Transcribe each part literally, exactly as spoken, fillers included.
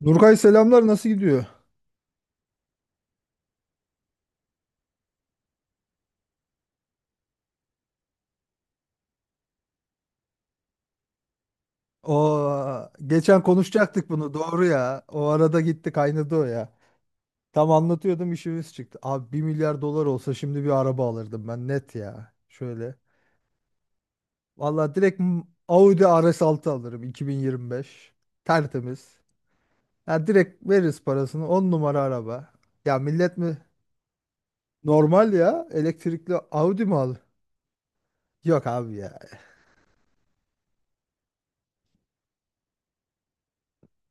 Nurkay selamlar nasıl gidiyor? O geçen konuşacaktık bunu doğru ya. O arada gitti kaynadı o ya. Tam anlatıyordum işimiz çıktı. Abi bir milyar dolar olsa şimdi bir araba alırdım ben net ya. Şöyle. Vallahi direkt m- Audi R S altı alırım iki bin yirmi beş. Tertemiz. Ya direkt veririz parasını on numara araba. Ya millet mi? Normal ya. Elektrikli Audi mi al? Yok abi ya.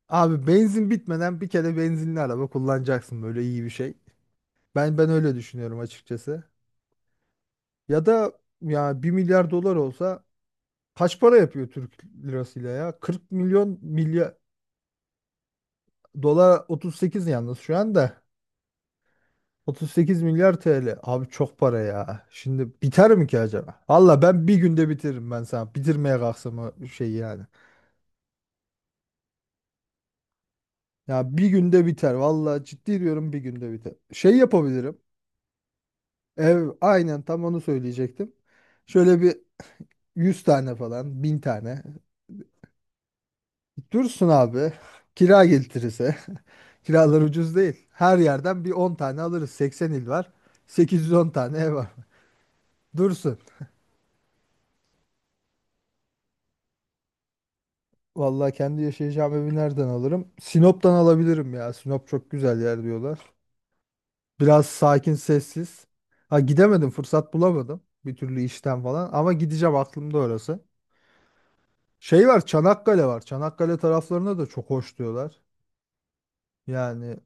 Abi benzin bitmeden bir kere benzinli araba kullanacaksın böyle iyi bir şey. Ben ben öyle düşünüyorum açıkçası. Ya da ya bir milyar dolar olsa kaç para yapıyor Türk lirasıyla ya? kırk milyon milyar dolar otuz sekiz yalnız şu anda. otuz sekiz milyar T L. Abi çok para ya. Şimdi biter mi ki acaba? Valla ben bir günde bitiririm ben sana. Bitirmeye kalksam o şey yani. Ya bir günde biter. Valla ciddi diyorum bir günde biter. Şey yapabilirim. Ev aynen tam onu söyleyecektim. Şöyle bir yüz tane falan, bin tane. Dursun abi. Kira getirirse. Kiralar ucuz değil. Her yerden bir on tane alırız. seksen il var. sekiz yüz on tane ev var. Dursun. Vallahi kendi yaşayacağım evi nereden alırım? Sinop'tan alabilirim ya. Sinop çok güzel yer diyorlar. Biraz sakin, sessiz. Ha gidemedim, fırsat bulamadım. Bir türlü işten falan. Ama gideceğim aklımda orası. Şey var, Çanakkale var. Çanakkale taraflarına da çok hoş diyorlar. Yani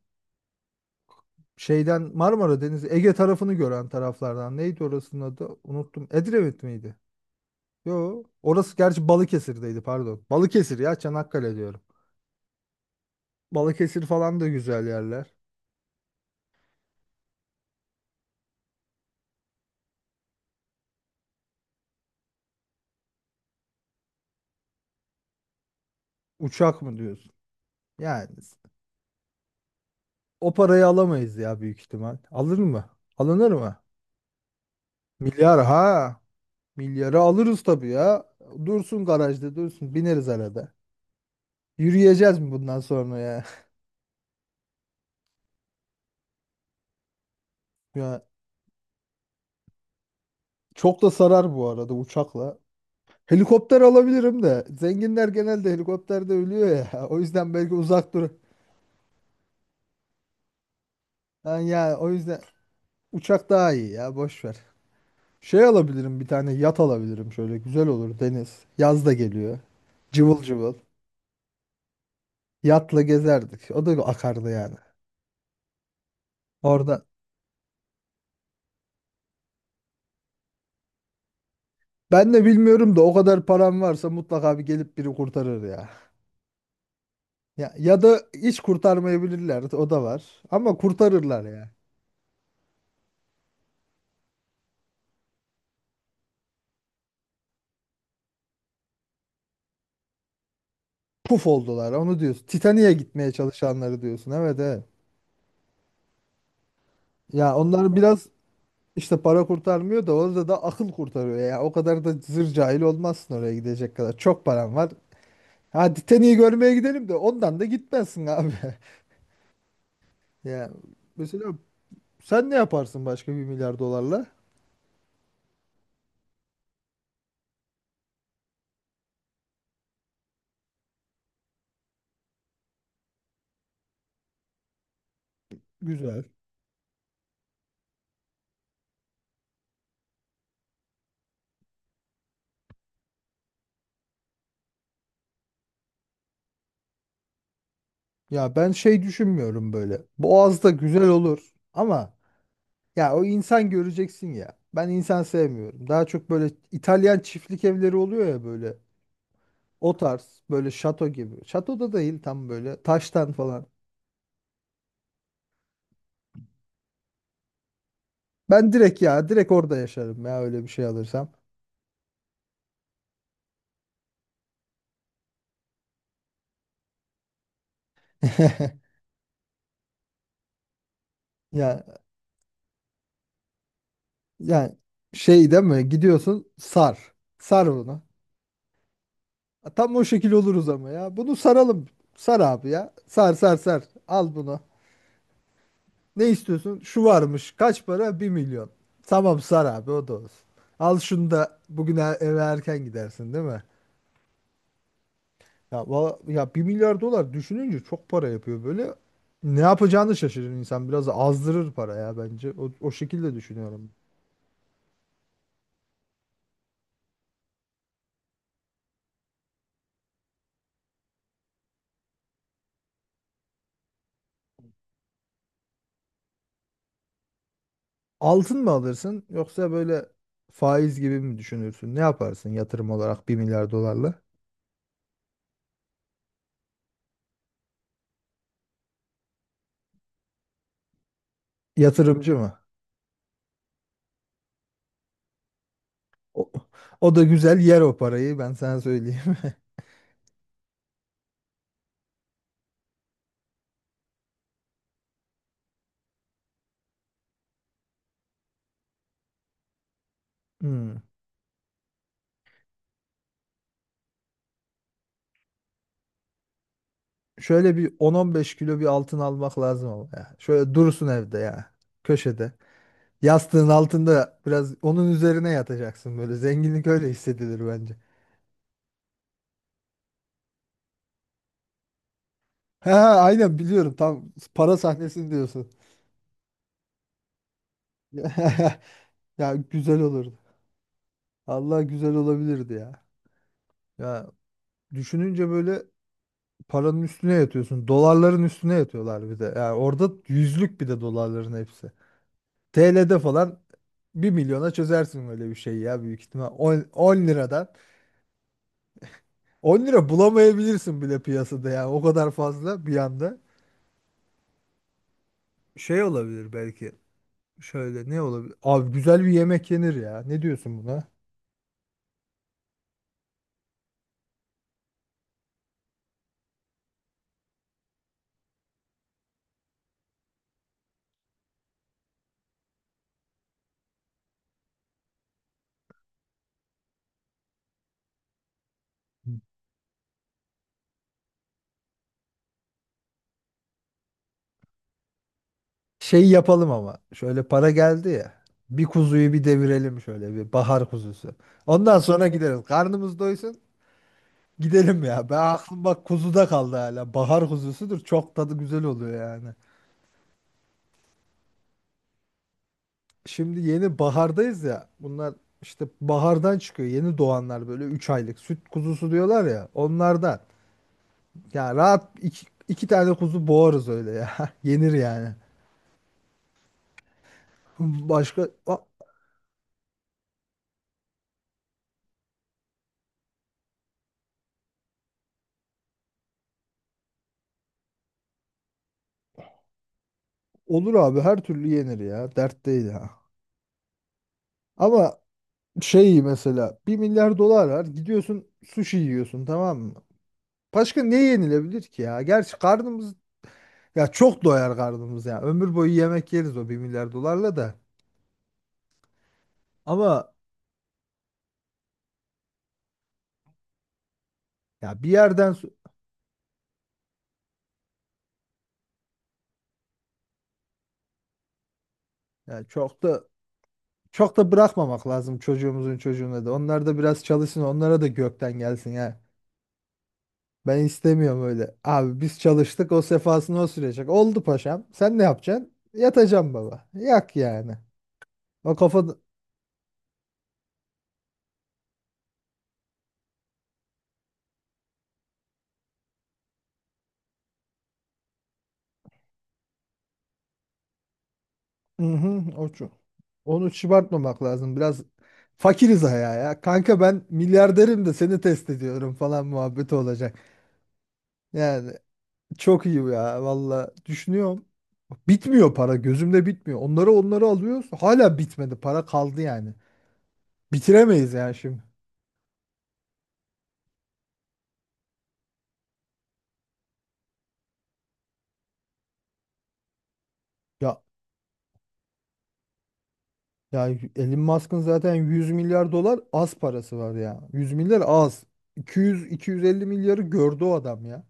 şeyden Marmara Denizi Ege tarafını gören taraflardan neydi orasının adı unuttum, Edremit miydi? Yo orası gerçi Balıkesir'deydi, pardon Balıkesir ya, Çanakkale diyorum. Balıkesir falan da güzel yerler. Uçak mı diyorsun yani? O parayı alamayız ya, büyük ihtimal. Alır mı, alınır mı? Milyar ha, milyarı alırız tabii ya. Dursun garajda, dursun, bineriz arada. Yürüyeceğiz mi bundan sonra ya? ya çok da sarar bu arada uçakla. Helikopter alabilirim de. Zenginler genelde helikopterde ölüyor ya. O yüzden belki uzak dur. Ha, ya o yüzden uçak daha iyi ya, boş ver. Şey alabilirim, bir tane yat alabilirim, şöyle güzel olur deniz. Yaz da geliyor. Cıvıl cıvıl. Yatla gezerdik. O da akardı yani. Orada. Ben de bilmiyorum da o kadar param varsa mutlaka bir gelip biri kurtarır ya. Ya, ya da hiç kurtarmayabilirler. O da var. Ama kurtarırlar ya. Puf oldular. Onu diyorsun. Titanik'e gitmeye çalışanları diyorsun. Evet, evet. Ya onlar biraz işte, para kurtarmıyor da orada da akıl kurtarıyor ya. O kadar da zır cahil olmazsın oraya gidecek kadar. Çok paran var. Hadi Titanic'i görmeye gidelim de ondan da gitmezsin abi. Ya mesela sen ne yaparsın başka bir milyar dolarla? Güzel. Ya ben şey düşünmüyorum böyle. Boğaz'da güzel olur ama ya o insan göreceksin ya. Ben insan sevmiyorum. Daha çok böyle İtalyan çiftlik evleri oluyor ya böyle. O tarz böyle şato gibi. Şatoda değil, tam böyle taştan falan. Ben direkt ya direkt orada yaşarım ya öyle bir şey alırsam. Ya yani şey değil mi? Gidiyorsun sar. Sar bunu. Tam o şekil oluruz ama ya. Bunu saralım. Sar abi ya. Sar, sar, sar. Al bunu. Ne istiyorsun? Şu varmış. Kaç para? Bir milyon. Tamam sar abi o da olsun. Al şunu da bugün e- eve erken gidersin değil mi? Ya, valla- ya bir milyar dolar düşününce çok para yapıyor böyle. Ne yapacağını şaşırır insan. Biraz azdırır para ya bence. O, o şekilde düşünüyorum. Altın mı alırsın yoksa böyle faiz gibi mi düşünürsün? Ne yaparsın yatırım olarak bir milyar dolarla? Yatırımcı mı? O, o da güzel yer o parayı ben sana söyleyeyim. Hmm. Şöyle bir on on beş kilo bir altın almak lazım ama ya. Şöyle dursun evde ya. Köşede. Yastığın altında biraz onun üzerine yatacaksın böyle. Zenginlik öyle hissedilir bence. Ha, ha, aynen biliyorum, tam para sahnesini diyorsun. Ya güzel olurdu. Allah güzel olabilirdi ya. Ya düşününce böyle paranın üstüne yatıyorsun. Dolarların üstüne yatıyorlar bir de. Yani orada yüzlük bir de dolarların hepsi. T L'de falan bir milyona çözersin öyle bir şey ya, büyük ihtimal. on, on liradan. on lira bulamayabilirsin bile piyasada yani o kadar fazla bir anda. Şey olabilir belki. Şöyle ne olabilir? Abi güzel bir yemek yenir ya. Ne diyorsun buna? Şey yapalım ama. Şöyle para geldi ya. Bir kuzuyu bir devirelim, şöyle bir bahar kuzusu. Ondan sonra gideriz. Karnımız doysun. Gidelim ya. Ben aklım bak kuzuda kaldı hala. Bahar kuzusudur. Çok tadı güzel oluyor yani. Şimdi yeni bahardayız ya. Bunlar işte bahardan çıkıyor. Yeni doğanlar böyle üç aylık süt kuzusu diyorlar ya. Onlardan. Ya rahat iki, iki tane kuzu boğarız öyle ya. Yenir yani. Başka A- olur abi her türlü yenir ya. Dert değil ha. Ama şey mesela bir milyar dolar var. Gidiyorsun sushi yiyorsun tamam mı? Başka ne yenilebilir ki ya? Gerçi karnımız Ya çok doyar karnımız ya. Ömür boyu yemek yeriz o bir milyar dolarla da. Ama ya bir yerden so- ya çok da çok da bırakmamak lazım çocuğumuzun çocuğuna da. Onlar da biraz çalışsın, onlara da gökten gelsin ya. Ben istemiyorum öyle. Abi biz çalıştık, o sefasını o sürecek. Oldu paşam. Sen ne yapacaksın? Yatacağım baba. Yak yani. O kafada hı hı, o ço- onu çıbartmamak lazım. Biraz fakiriz ayağa ya. Kanka ben milyarderim de seni test ediyorum falan muhabbeti olacak. Yani çok iyi ya valla düşünüyorum. Bitmiyor para gözümde bitmiyor. Onları onları alıyoruz. Hala bitmedi. Para kaldı yani. Bitiremeyiz yani şimdi. Ya ya Elon Musk'ın zaten yüz milyar dolar az parası var ya. yüz milyar az. iki yüz iki yüz elli milyarı gördü o adam ya.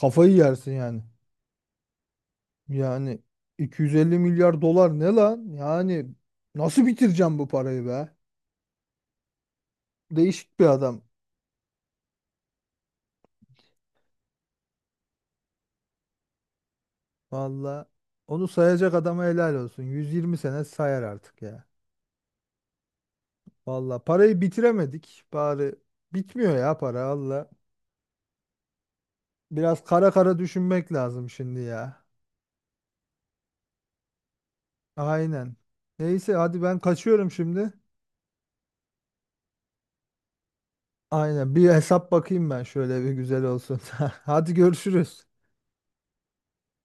Kafayı yersin yani. Yani iki yüz elli milyar dolar ne lan? Yani nasıl bitireceğim bu parayı be? Değişik bir adam. Valla onu sayacak adama helal olsun. yüz yirmi sene sayar artık ya. Valla parayı bitiremedik. Bari bitmiyor ya para valla. Biraz kara kara düşünmek lazım şimdi ya. Aynen. Neyse hadi ben kaçıyorum şimdi. Aynen bir hesap bakayım ben şöyle bir güzel olsun. Hadi görüşürüz.